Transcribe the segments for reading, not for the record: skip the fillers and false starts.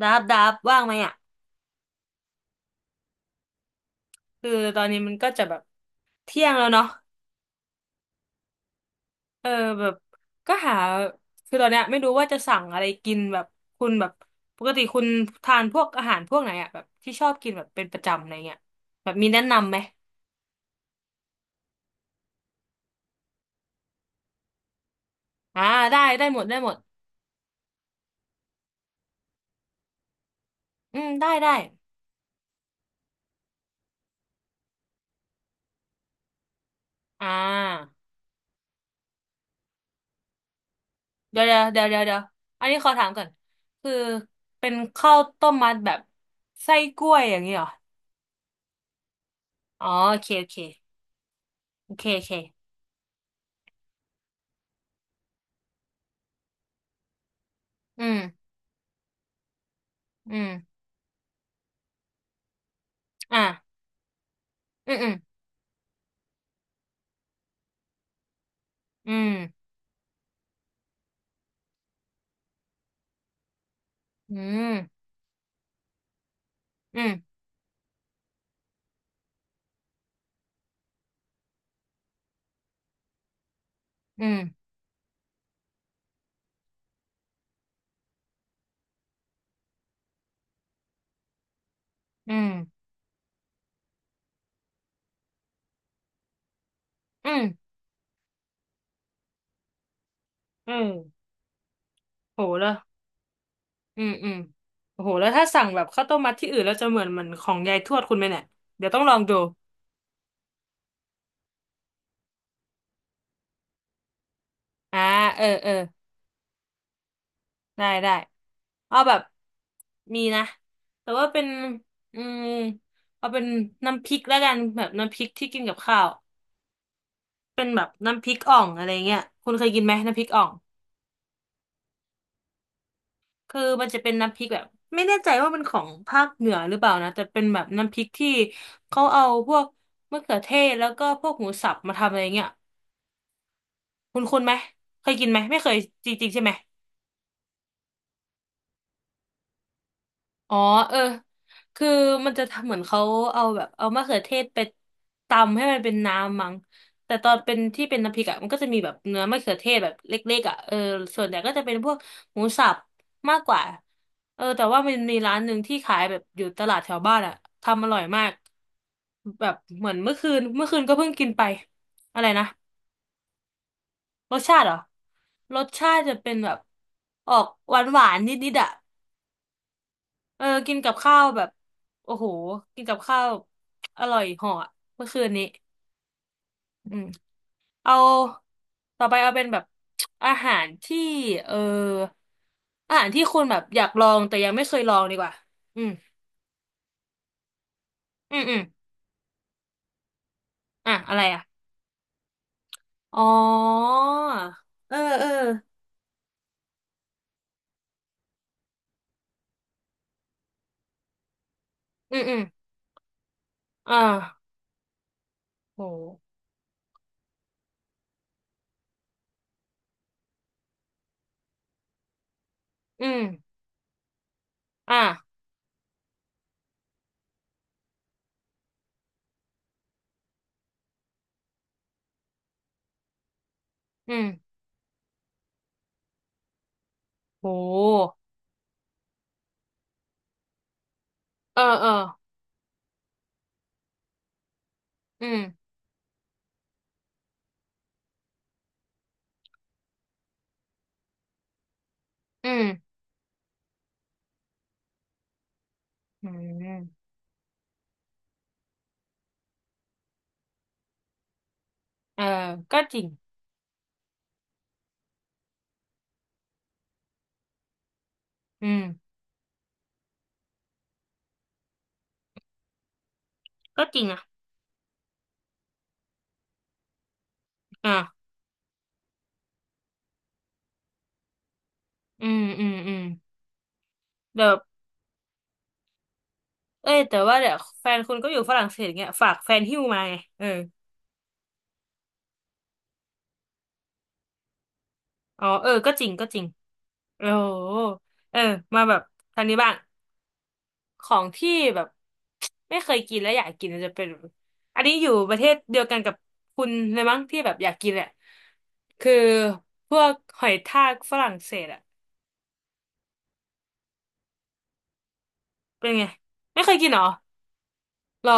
ดับดับว่างไหมอ่ะคือตอนนี้มันก็จะแบบเที่ยงแล้วเนาะเออแบบก็หาคือตอนเนี้ยไม่รู้ว่าจะสั่งอะไรกินแบบคุณแบบปกติคุณทานพวกอาหารพวกไหนอ่ะแบบที่ชอบกินแบบเป็นประจำอะไรเงี้ยแบบมีแนะนำไหมอ่าได้ได้หมดได้หมดอืมได้ได้อ่าเดี๋ยวเดี๋ยวเดี๋ยวเดี๋ยวเดี๋ยวอันนี้ขอถามก่อนคือเป็นข้าวต้มมัดแบบไส้กล้วยอย่างนี้เหรออ๋อโอเคโอเคโอเคโอเคอืมอืมอ่ะอืมอืม อืมอืมอืม อืมอืมอืมอืมโหแล้วอืมอืมโอ้โหแล้วถ้าสั่งแบบข้าวต้มมัดที่อื่นแล้วจะเหมือนของยายทวดคุณไหมเนี่ยเดี๋ยวต้องลองดูอ่าเออเออได้ได้เอาแบบมีนะแต่ว่าเป็นอืมเอาเป็นน้ำพริกแล้วกันแบบน้ำพริกที่กินกับข้าวเป็นแบบน้ำพริกอ่องอะไรเงี้ยคุณเคยกินไหมน้ำพริกอ่อง คือมันจะเป็นน้ำพริกแบบไม่แน่ใจว่ามันของภาคเหนือหรือเปล่านะแต่เป็นแบบน้ำพริกที่เขาเอาพวกมะเขือเทศแล้วก็พวกหมูสับมาทำอะไรเงี้ยคุณไหมเคยกินไหมไม่เคยจริงๆใช่ไหม อ๋อเออคือมันจะทำเหมือนเขาเอามะเขือเทศไปตำให้มันเป็นน้ำมั้งแต่ตอนเป็นที่เป็นน้ำพริกอะมันก็จะมีแบบเนื้อมะเขือเทศแบบเล็กๆอะเออส่วนใหญ่ก็จะเป็นพวกหมูสับมากกว่าเออแต่ว่ามันมีร้านหนึ่งที่ขายแบบอยู่ตลาดแถวบ้านอะทำอร่อยมากแบบเหมือนเมื่อคืนก็เพิ่งกินไปอะไรนะรสชาติเหรอรสชาติจะเป็นแบบออกหวานๆนิดๆอะ เออกินกับข้าวแบบโอ้โหกินกับข้าวอร่อยเหาะเมื่อคืนนี้อืมเอาต่อไปเอาเป็นแบบอาหารที่เอออาหารที่คุณแบบอยากลองแต่ยังไม่เคยลองดีกว่าอืมอืมอืมอ่ะอะไรอ่ะอ๋อเออเอออืมอืมอ่าโหอืมอ่าอืมโหเออเอออืมอืมอืมเออก็จริงอืมก็จริงอ่ะอ่า อืมอืมอืมเดี๋ยวเอ้ยแต่ว่าเดี๋ยวแฟนคุณก็อยู่ฝรั่งเศสเงี้ยฝากแฟนหิ้วมาไงเอออ๋อเออก็จริงก็จริงโอ้โหเออมาแบบทางนี้บ้างของที่แบบไม่เคยกินแล้วอยากกินมันจะเป็นอันนี้อยู่ประเทศเดียวกันกับคุณเลยมั้งที่แบบอยากกินแหละคือพวกหอยทากฝรั่งเศสอะเป็นไงไม่เคยกินเหรอ หรอ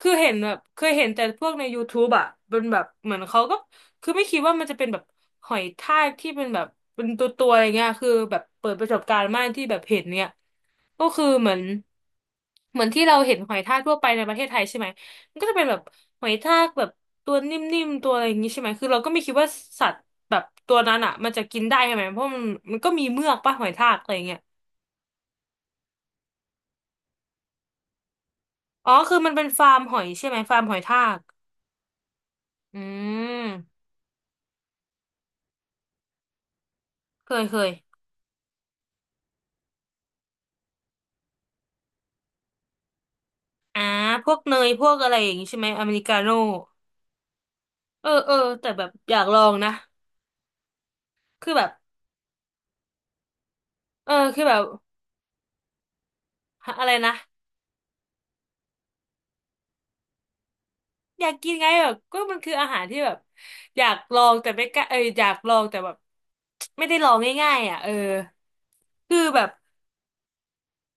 คือเห็นแบบเคยเห็นแต่พวกใน YouTube อ่ะเป็นแบบเหมือนเขาก็คือไม่คิดว่ามันจะเป็นแบบหอยทากที่เป็นแบบเป็นตัวอะไรเงี้ยคือแบบเปิดประสบการณ์มากที่แบบเห็นเนี่ยก็คือเหมือนที่เราเห็นหอยทากทั่วไปในประเทศไทยใช่ไหมมันก็จะเป็นแบบหอยทากแบบตัวนิ่มๆตัวอะไรอย่างงี้ใช่ไหมคือเราก็ไม่คิดว่าสัตว์แบบตัวนั้นอ่ะมันจะกินได้ใช่ไหมเพราะมันก็มีเมือกป่ะหอยทากอะไรเงี้ยอ๋อคือมันเป็นฟาร์มหอยใช่ไหมฟาร์มหอยทากอืม เคยเคยอ่าพวกเนยพวกอะไรอย่างงี้ใช่ไหมอเมริกาโน่เออเออแต่แบบอยากลองนะ คือแบบเออคือแบบหาอะไรนะอยากกินไงแบบก็มันคืออาหารที่แบบอยากลองแต่ไม่กล้าเอออยากลองแต่แบบไม่ได้ลองง่ายๆอ่ะเออคือแบบ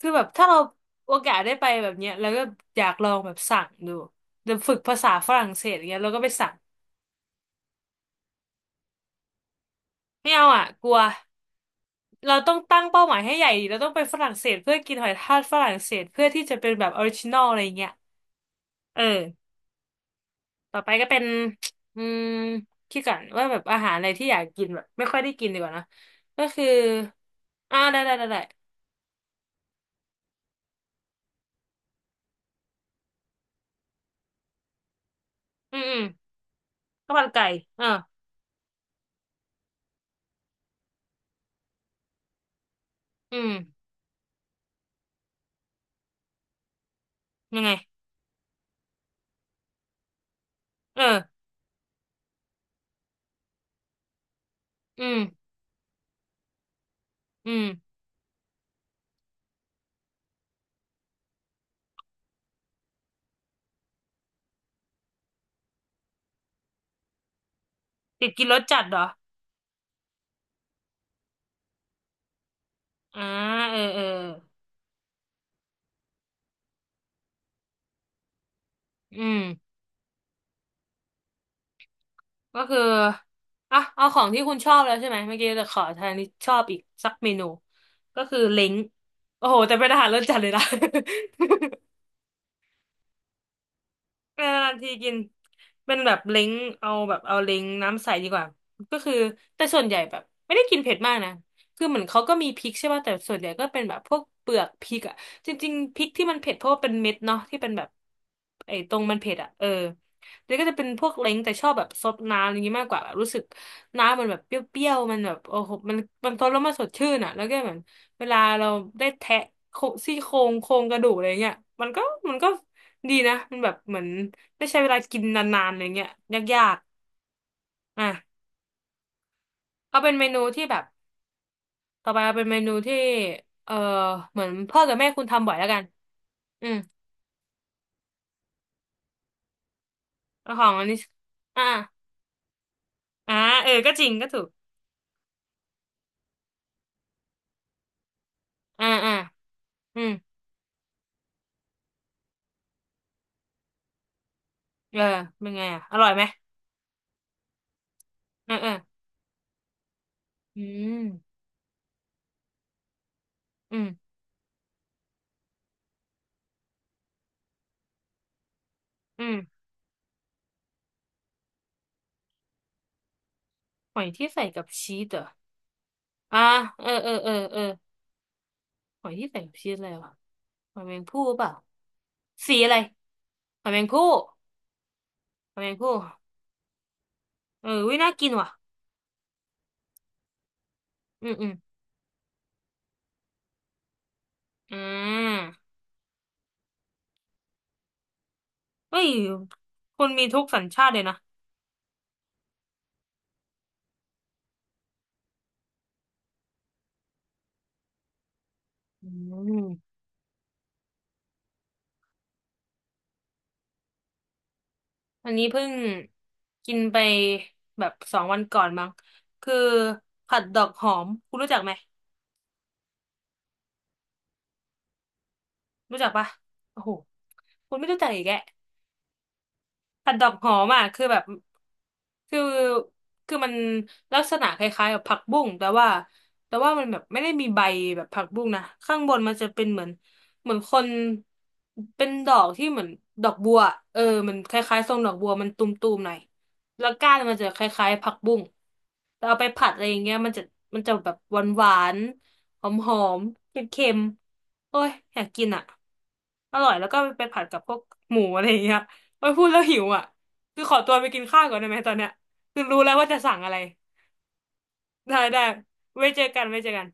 คือแบบถ้าเราโอกาสได้ไปแบบเนี้ยแล้วก็อยากลองแบบสั่งดูเดี๋ยวฝึกภาษาฝรั่งเศสอย่างเงี้ยแล้วก็ไปสั่งไม่เอาอ่ะกลัว เราต้องตั้งเป้าหมายให้ใหญ่ดิเราต้องไปฝรั่งเศสเพื่อกินหอยทากฝรั่งเศสเพื่อที่จะเป็นแบบออริจินอลอะไรเงี้ยเออต่อไปก็เป็นอืมคิดก่อนว่าแบบอาหารอะไรที่อยากกินแบบไม่ค่อยได้กินดีกว่านะ ก็คืออ่าได้ได้ได้ได้อืมอืมข้าวมันไก่เอออืมยังไง เอออืมอืมติดกินรสจัดเหรออ่าเออเอออืม ก็คืออ่ะเอาของที่คุณชอบแล้วใช่ไหมเมื่อกี้จะขอทางที่ชอบอีกสักเมนู ก็คือเล้งโอ้โหแต่เป็นอาหารรสจัดเลยนะ เป็นนานๆทีกินเป็นแบบเล้งเอาแบบเอาเล้งน้ำใสดีกว่าก็คือแต่ส่วนใหญ่แบบไม่ได้กินเผ็ดมากนะคือเหมือนเขาก็มีพริกใช่ป่ะแต่ส่วนใหญ่ก็เป็นแบบพวกเปลือกพริกอะจริงๆพริกที่มันเผ็ดเพราะว่าเป็นเม็ดเนาะที่เป็นแบบไอ้ตรงมันเผ็ดอะเออแล้วก็จะเป็นพวกเล้งแต่ชอบแบบซดน้ำอะไรอย่างงี้มากกว่าแบบรู้สึกน้ำมันแบบเปรี้ยวๆมันแบบโอ้โหมันซดแล้วมันสดชื่นอะแล้วก็เหมือนเวลาเราได้แทะโคซี่โครงโครงกระดูกอะไรเงี้ยมันก็มันก็ ดีนะมันแบบเหมือนไม่ใช่เวลากินนานๆอะไรเงี้ยยากๆอ่ะเอาเป็นเมนูที่แบบต่อไปเอาเป็นเมนูที่เออเหมือนพ่อกับแม่คุณทำบ่อยแล้วกันอืมแล้วของอันนี้อ่าอ่าเออก็จริงก็ถูกอ่าอ่าอืมเออเป็นไงอ่ะอร่อยไหมเออเอออืมอืมอืมหอยที่ใส่กับชีสเหรออ่าเออเออเออเออหอยที่ใส่กับชีสอะไรวะหอยแมงภู่เปล่าสีอะไรหอยแมงภู่หอยแมงภู่ เออวิน่ากินว่ะ อืมอืมอ่าเฮ้ยคนมีทุกสัญชาติเลยนะอืมอันนี้เพิ่งกินไปแบบสองวันก่อนมั้งคือผัดดอกหอมคุณรู้จักไหมรู้จักปะโอ้โหคุณไม่รู้จักอีกแก ผัดดอกหอมอ่ะคือแบบคือคือมันลักษณะคล้ายๆกับผักบุ้งแต่ว่าแต่ว่ามันแบบไม่ได้มีใบแบบผักบุ้งนะข้างบนมันจะเป็นเหมือนเหมือนคนเป็นดอกที่เหมือนดอกบัวเออมันคล้ายๆทรงดอกบัวมันตุมๆหน่อยแล้วก้านมันจะคล้ายๆผักบุ้งแต่เอาไปผัดอะไรอย่างเงี้ยมันจะแบบหวานๆหอมๆเค็มๆโอ้ยอยากกินอ่ะอร่อยแล้วก็ไปผัดกับพวกหมูอะไรอย่างเงี้ย โอ้ยพูดแล้วหิวอ่ะ คือขอตัวไปกินข้าวก่อนได้ไหมตอนเนี้ยคือรู้แล้วว่าจะสั่งอะไร ได้ได้ไว้เจอกันไว้เจอกัน